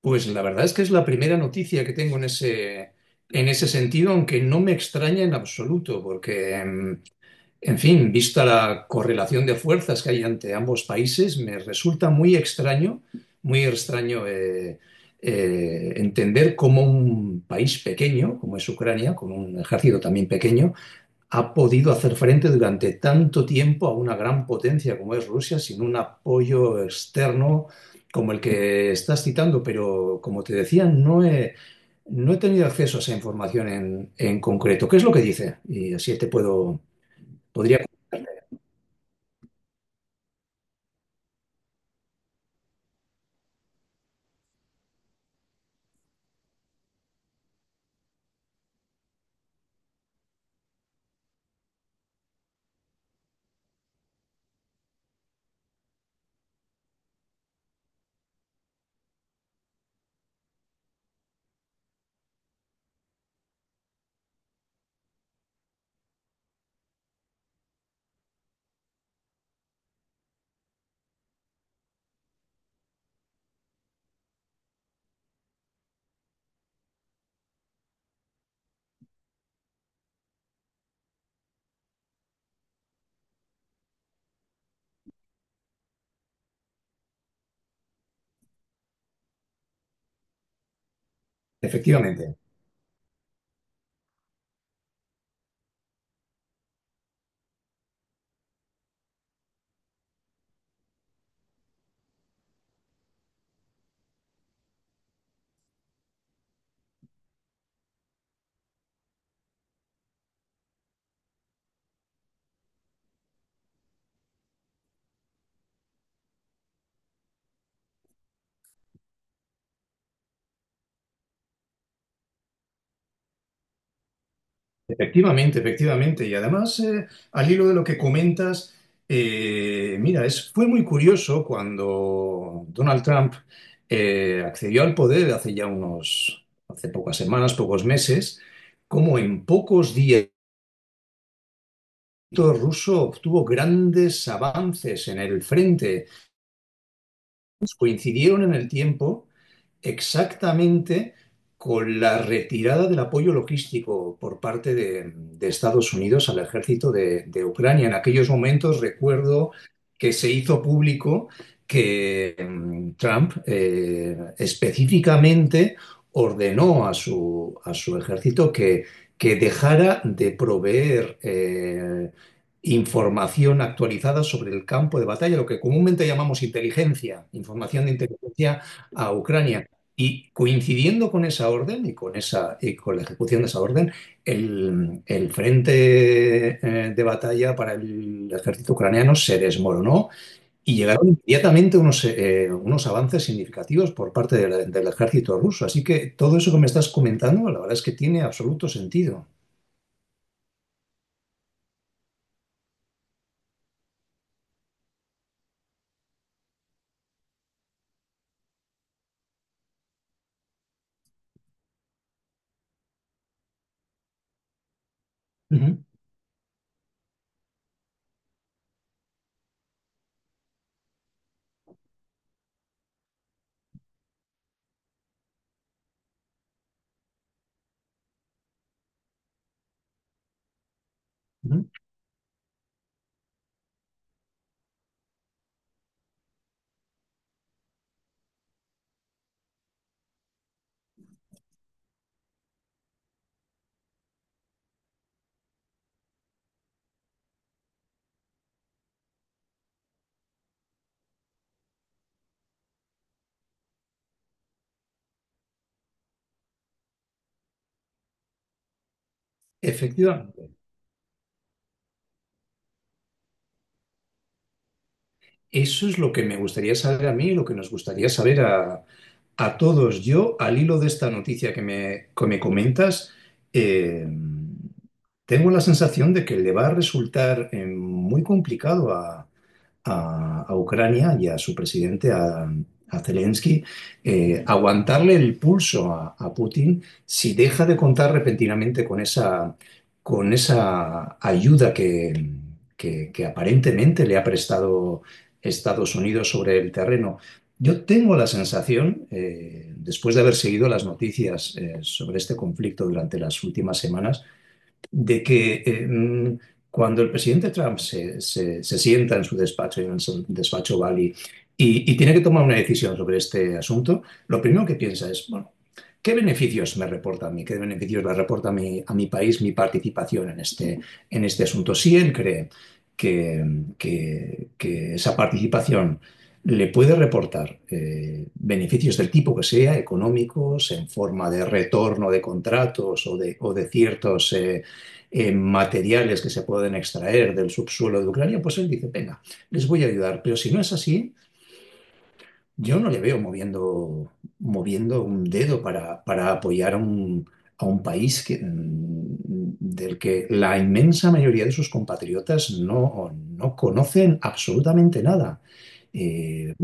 Pues la verdad es que es la primera noticia que tengo en ese sentido, aunque no me extraña en absoluto, porque, en fin, vista la correlación de fuerzas que hay ante ambos países, me resulta muy extraño entender cómo un país pequeño, como es Ucrania, con un ejército también pequeño, ha podido hacer frente durante tanto tiempo a una gran potencia como es Rusia sin un apoyo externo como el que estás citando, pero como te decía, no he tenido acceso a esa información en concreto. ¿Qué es lo que dice? Y así te podría efectivamente. Efectivamente, efectivamente. Y además, al hilo de lo que comentas, mira, fue muy curioso cuando Donald Trump accedió al poder hace ya unos, hace pocas semanas, pocos meses, como en pocos días el ejército ruso obtuvo grandes avances en el frente. Coincidieron en el tiempo exactamente con la retirada del apoyo logístico por parte de Estados Unidos al ejército de Ucrania. En aquellos momentos recuerdo que se hizo público que Trump específicamente ordenó a a su ejército que dejara de proveer información actualizada sobre el campo de batalla, lo que comúnmente llamamos inteligencia, información de inteligencia a Ucrania. Y coincidiendo con esa orden y con esa, y con la ejecución de esa orden, el frente de batalla para el ejército ucraniano se desmoronó y llegaron inmediatamente unos avances significativos por parte de del ejército ruso. Así que todo eso que me estás comentando, la verdad es que tiene absoluto sentido. Ujú, ujú. Efectivamente. Eso es lo que me gustaría saber a mí y lo que nos gustaría saber a todos. Yo, al hilo de esta noticia que me comentas, eh, tengo la sensación de que le va a resultar muy complicado a Ucrania y a su presidente, a Zelensky, aguantarle el pulso a Putin si deja de contar repentinamente con esa ayuda que aparentemente le ha prestado Estados Unidos sobre el terreno. Yo tengo la sensación, después de haber seguido las noticias sobre este conflicto durante las últimas semanas, de que cuando el presidente Trump se sienta en su despacho Bali, y tiene que tomar una decisión sobre este asunto, lo primero que piensa es, bueno, ¿qué beneficios me reporta a mí? ¿Qué beneficios le reporta a a mi país mi participación en este asunto? Si él cree que, que esa participación le puede reportar beneficios del tipo que sea, económicos, en forma de retorno de contratos o de ciertos... materiales que se pueden extraer del subsuelo de Ucrania, pues él dice, venga, les voy a ayudar. Pero si no es así, yo no le veo moviendo un dedo para apoyar a un país que, del que la inmensa mayoría de sus compatriotas no, no conocen absolutamente nada. Eh,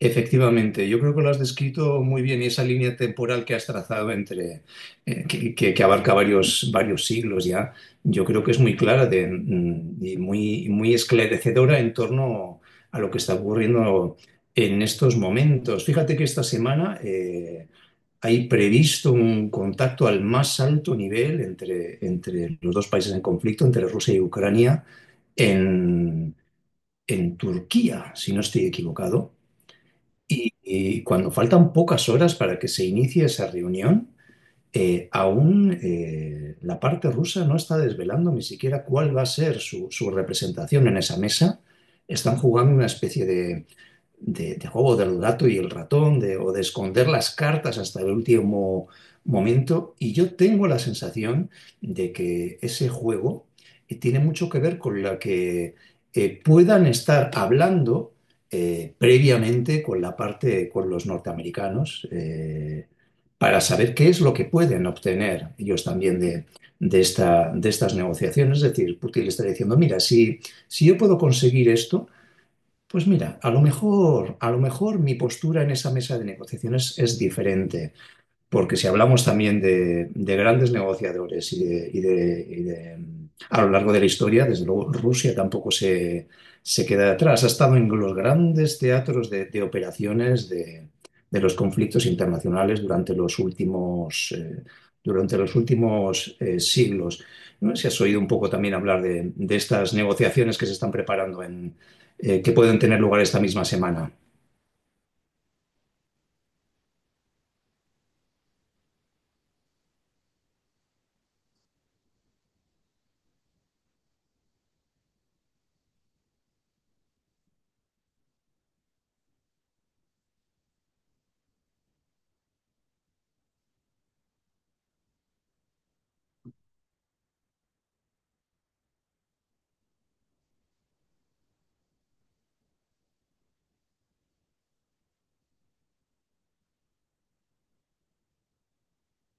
Efectivamente, yo creo que lo has descrito muy bien y esa línea temporal que has trazado entre que abarca varios, varios siglos ya, yo creo que es muy clara y muy, muy esclarecedora en torno a lo que está ocurriendo en estos momentos. Fíjate que esta semana hay previsto un contacto al más alto nivel entre, entre los dos países en conflicto, entre Rusia y Ucrania, en, en Turquía, si no estoy equivocado. Y cuando faltan pocas horas para que se inicie esa reunión, aún la parte rusa no está desvelando ni siquiera cuál va a ser su, su representación en esa mesa. Están jugando una especie de juego del gato y el ratón, de, o de esconder las cartas hasta el último momento. Y yo tengo la sensación de que ese juego tiene mucho que ver con la que puedan estar hablando previamente con la parte, con los norteamericanos, para saber qué es lo que pueden obtener ellos también de esta, de estas negociaciones. Es decir, Putin le está diciendo, mira, si, si yo puedo conseguir esto, pues mira, a lo mejor mi postura en esa mesa de negociaciones es diferente. Porque si hablamos también de grandes negociadores y de a lo largo de la historia, desde luego Rusia tampoco se queda atrás. Ha estado en los grandes teatros de operaciones de los conflictos internacionales durante los últimos siglos. No sé si has oído un poco también hablar de estas negociaciones que se están preparando que pueden tener lugar esta misma semana.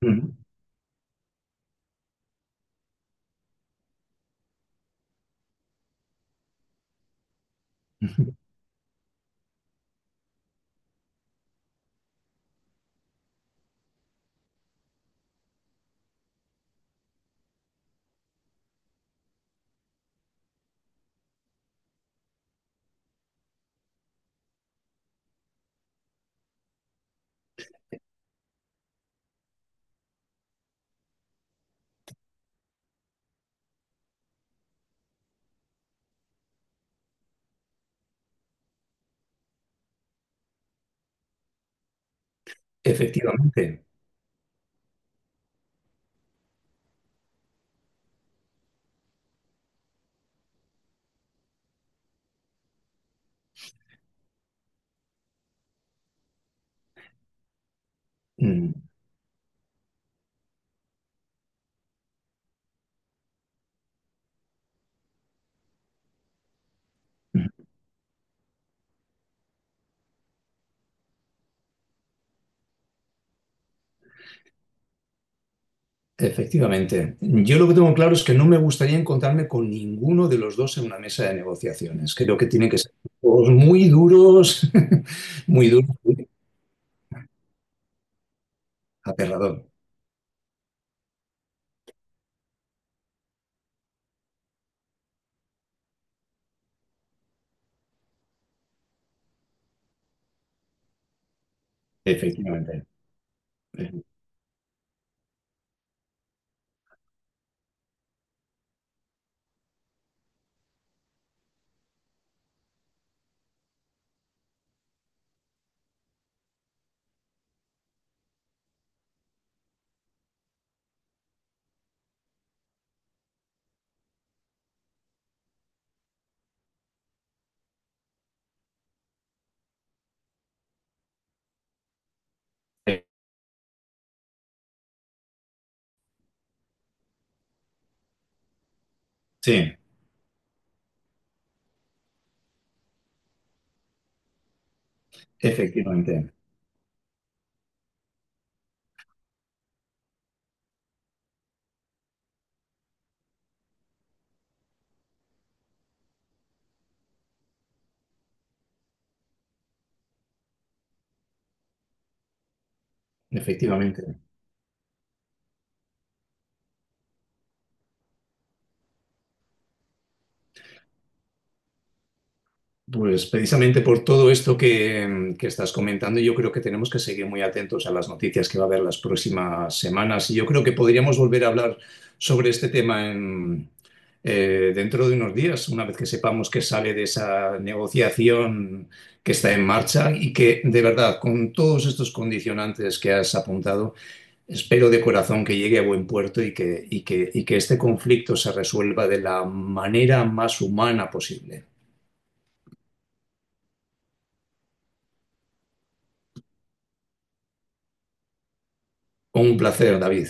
Mm. Efectivamente. Mm. mm. Efectivamente. Yo lo que tengo claro es que no me gustaría encontrarme con ninguno de los dos en una mesa de negociaciones. Creo que tienen que ser todos muy duros, muy duros, muy aterrador. Efectivamente. Sí, efectivamente. Efectivamente. Pues precisamente por todo esto que estás comentando, yo creo que tenemos que seguir muy atentos a las noticias que va a haber las próximas semanas. Y yo creo que podríamos volver a hablar sobre este tema dentro de unos días, una vez que sepamos que sale de esa negociación que está en marcha y que, de verdad, con todos estos condicionantes que has apuntado, espero de corazón que llegue a buen puerto y que este conflicto se resuelva de la manera más humana posible. Un placer, David.